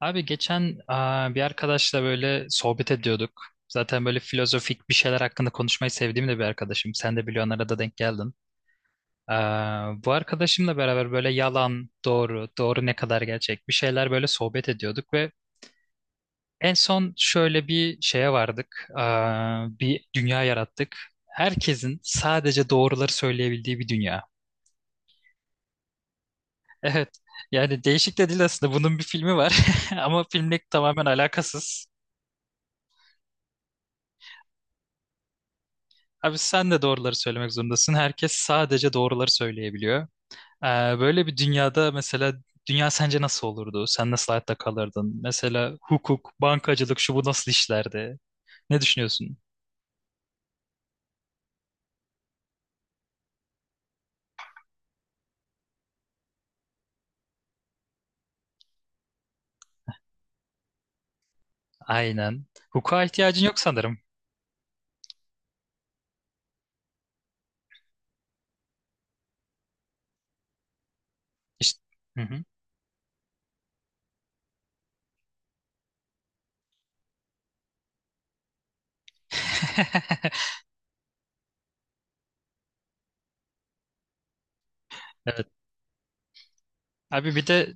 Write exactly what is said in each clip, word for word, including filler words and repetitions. Abi geçen aa, bir arkadaşla böyle sohbet ediyorduk. Zaten böyle filozofik bir şeyler hakkında konuşmayı sevdiğim de bir arkadaşım. Sen de biliyorsun arada denk geldin. Aa, bu arkadaşımla beraber böyle yalan, doğru, doğru ne kadar gerçek bir şeyler böyle sohbet ediyorduk ve en son şöyle bir şeye vardık. Aa, bir dünya yarattık. Herkesin sadece doğruları söyleyebildiği bir dünya. Evet. Yani değişik de değil aslında. Bunun bir filmi var. Ama filmle tamamen alakasız. Abi sen de doğruları söylemek zorundasın. Herkes sadece doğruları söyleyebiliyor. Ee, Böyle bir dünyada mesela dünya sence nasıl olurdu? Sen nasıl hayatta kalırdın? Mesela hukuk, bankacılık şu bu nasıl işlerdi? Ne düşünüyorsun? Aynen. Hukuka ihtiyacın yok sanırım. İşte... Hı hı. Evet. Abi bir de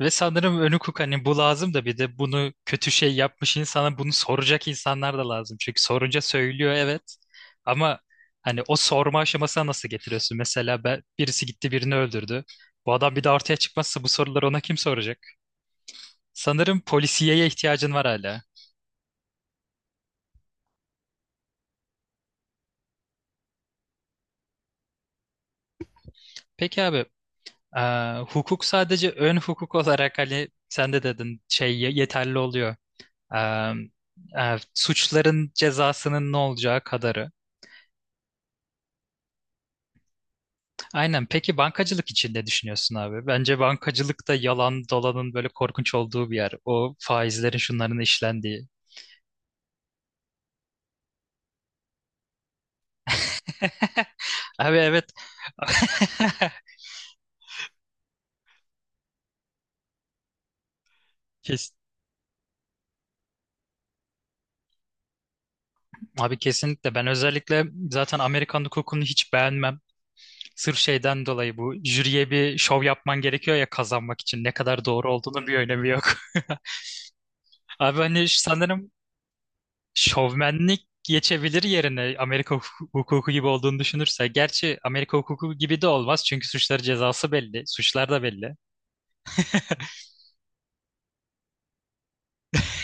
ve sanırım önü hukuk hani bu lazım da bir de bunu kötü şey yapmış insana bunu soracak insanlar da lazım. Çünkü sorunca söylüyor evet. Ama hani o sorma aşamasına nasıl getiriyorsun? Mesela ben, birisi gitti birini öldürdü. Bu adam bir de ortaya çıkmazsa bu soruları ona kim soracak? Sanırım polisiyeye ihtiyacın var hala. Peki abi e, hukuk sadece ön hukuk olarak hani sen de dedin şey ye- yeterli oluyor. E, e, Suçların cezasının ne olacağı kadarı. Aynen. Peki bankacılık için ne düşünüyorsun abi? Bence bankacılık da yalan dolanın böyle korkunç olduğu bir yer. O faizlerin şunların işlendiği. Abi evet. Kes- Abi kesinlikle. Ben özellikle zaten Amerikan hukukunu hiç beğenmem. Sırf şeyden dolayı bu jüriye bir şov yapman gerekiyor ya kazanmak için. Ne kadar doğru olduğunu bir önemi yok. Abi hani sanırım şovmenlik geçebilir yerine Amerika huk- hukuku gibi olduğunu düşünürse. Gerçi Amerika hukuku gibi de olmaz çünkü suçları cezası belli, suçlar da belli.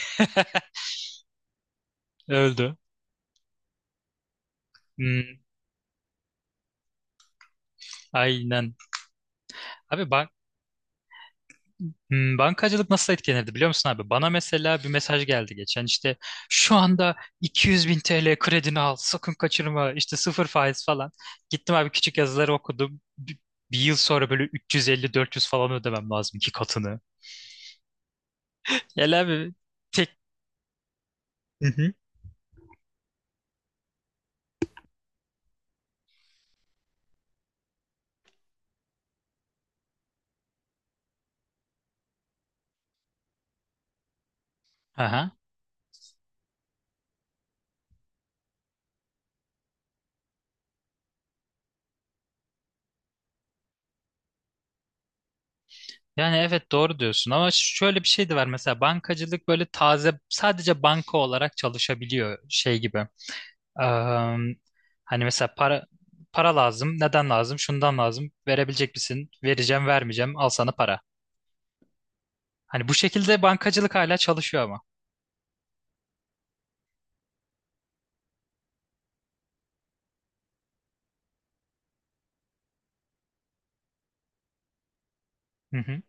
Öldü. Hmm, aynen. Abi bank hmm, bankacılık nasıl etkilenirdi biliyor musun abi? Bana mesela bir mesaj geldi geçen işte şu anda iki yüz bin T L kredini al sakın kaçırma işte sıfır faiz falan. Gittim abi küçük yazıları okudum. Bir, bir yıl sonra böyle üç yüz elli dört yüz falan ödemem lazım iki katını. Gel abi tek... Hı hı. Aha. Yani evet doğru diyorsun ama şöyle bir şey de var mesela bankacılık böyle taze sadece banka olarak çalışabiliyor şey gibi. Am, Hani mesela para para lazım. Neden lazım? Şundan lazım. Verebilecek misin? Vereceğim, vermeyeceğim. Al sana para. Hani bu şekilde bankacılık hala çalışıyor ama. Hı hı,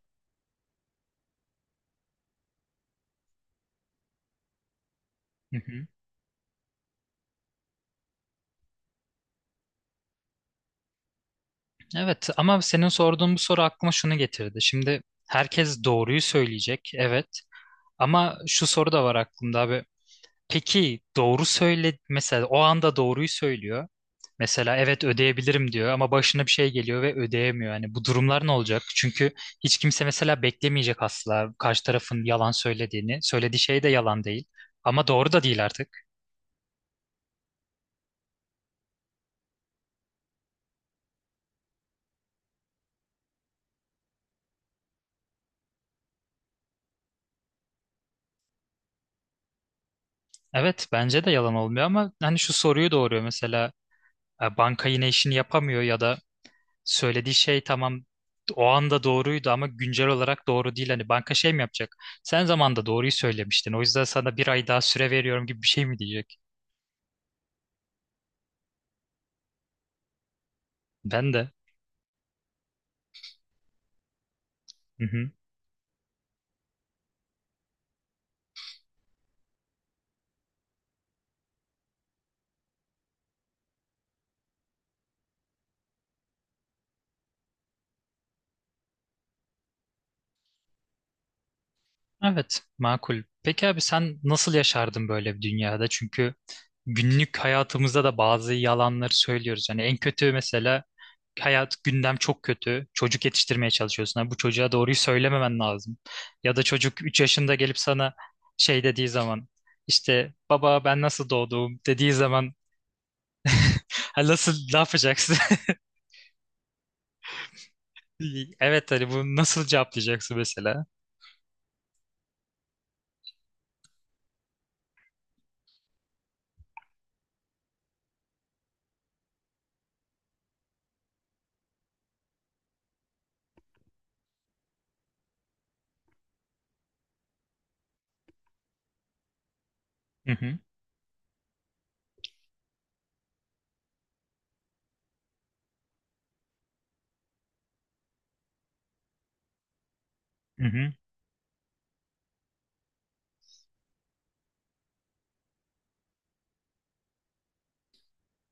hı hı. Evet ama senin sorduğun bu soru aklıma şunu getirdi. Şimdi herkes doğruyu söyleyecek. Evet. Ama şu soru da var aklımda abi. Peki doğru söyle mesela o anda doğruyu söylüyor. Mesela evet ödeyebilirim diyor ama başına bir şey geliyor ve ödeyemiyor. Yani bu durumlar ne olacak? Çünkü hiç kimse mesela beklemeyecek asla karşı tarafın yalan söylediğini. Söylediği şey de yalan değil. Ama doğru da değil artık. Evet bence de yalan olmuyor ama hani şu soruyu doğuruyor mesela e, banka yine işini yapamıyor ya da söylediği şey tamam o anda doğruydu ama güncel olarak doğru değil. Hani banka şey mi yapacak? Sen zamanında doğruyu söylemiştin. O yüzden sana bir ay daha süre veriyorum gibi bir şey mi diyecek? Ben de. Evet, makul. Peki abi sen nasıl yaşardın böyle bir dünyada? Çünkü günlük hayatımızda da bazı yalanları söylüyoruz. Yani en kötü mesela hayat gündem çok kötü. Çocuk yetiştirmeye çalışıyorsun. Ha, bu çocuğa doğruyu söylememen lazım. Ya da çocuk üç yaşında gelip sana şey dediği zaman işte baba ben nasıl doğdum dediği zaman ha, nasıl ne yapacaksın? Evet Ali bunu nasıl cevaplayacaksın mesela? Hı hı, hı hı.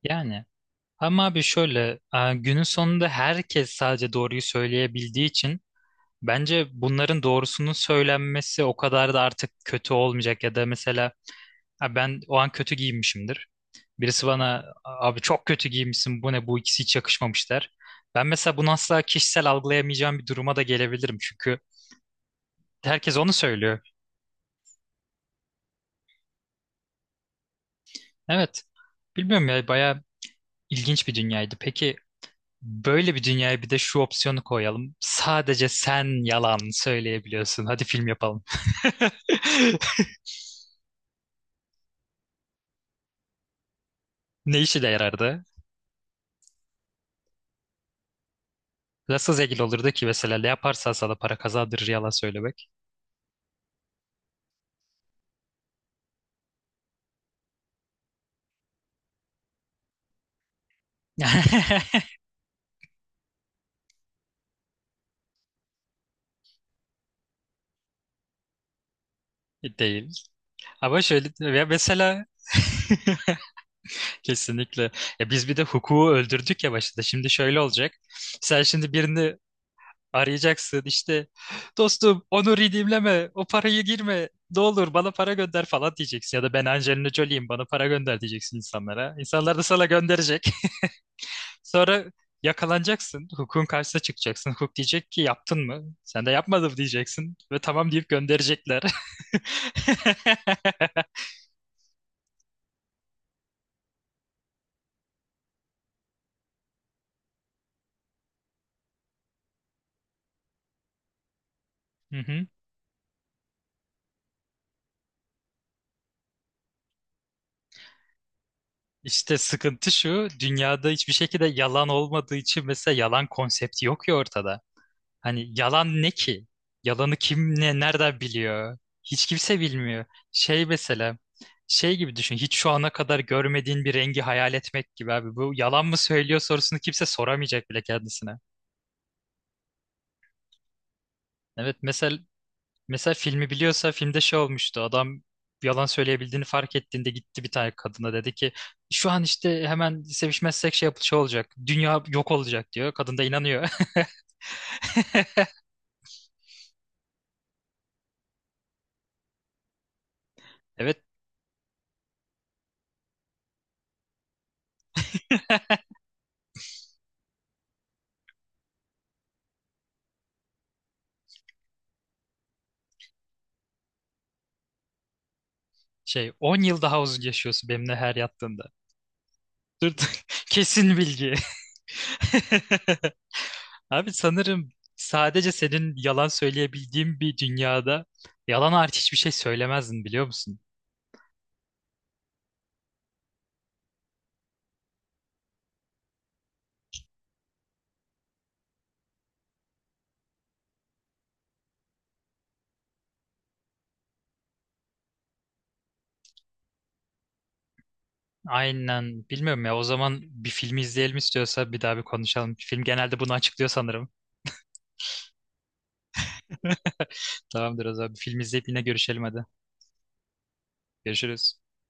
Yani ama abi şöyle e, günün sonunda herkes sadece doğruyu söyleyebildiği için bence bunların doğrusunun söylenmesi o kadar da artık kötü olmayacak ya da mesela "Ha, ben o an kötü giyinmişimdir. Birisi bana abi çok kötü giyinmişsin bu ne bu ikisi hiç yakışmamış der. Ben mesela bunu asla kişisel algılayamayacağım bir duruma da gelebilirim çünkü herkes onu söylüyor. Evet bilmiyorum ya bayağı ilginç bir dünyaydı. Peki böyle bir dünyaya bir de şu opsiyonu koyalım. Sadece sen yalan söyleyebiliyorsun. Hadi film yapalım. Ne işe de yarardı? Nasıl zengin olurdu ki mesela ne yaparsan sana para kazandırır yalan söylemek. Değil. Ama şöyle ya mesela kesinlikle ya biz bir de hukuku öldürdük ya başta. Şimdi şöyle olacak. Sen şimdi birini arayacaksın işte dostum onu redeemleme o parayı girme ne olur bana para gönder falan diyeceksin ya da ben Angelina Jolie'yim bana para gönder diyeceksin insanlara. İnsanlar da sana gönderecek. Sonra yakalanacaksın. Hukukun karşısına çıkacaksın. Hukuk diyecek ki yaptın mı? Sen de yapmadım diyeceksin. Ve tamam deyip gönderecekler. Hı hı. İşte sıkıntı şu, dünyada hiçbir şekilde yalan olmadığı için mesela yalan konsepti yok ya ortada. Hani yalan ne ki? Yalanı kim ne nereden biliyor? Hiç kimse bilmiyor. Şey mesela, şey gibi düşün. Hiç şu ana kadar görmediğin bir rengi hayal etmek gibi abi. Bu yalan mı söylüyor sorusunu kimse soramayacak bile kendisine. Evet mesela mesela filmi biliyorsa filmde şey olmuştu. Adam yalan söyleyebildiğini fark ettiğinde gitti bir tane kadına dedi ki şu an işte hemen sevişmezsek şey, yap- şey olacak. Dünya yok olacak diyor. Kadın da inanıyor. Evet şey on yıl daha uzun yaşıyorsun benimle her yattığında. Dur, dur. kesin bilgi. Abi sanırım sadece senin yalan söyleyebildiğin bir dünyada yalan hariç hiçbir şey söylemezdin biliyor musun? Aynen. Bilmiyorum ya. O zaman bir film izleyelim istiyorsa bir daha bir konuşalım. Film genelde bunu açıklıyor sanırım. Tamamdır o zaman. Bir film izleyip yine görüşelim hadi. Görüşürüz.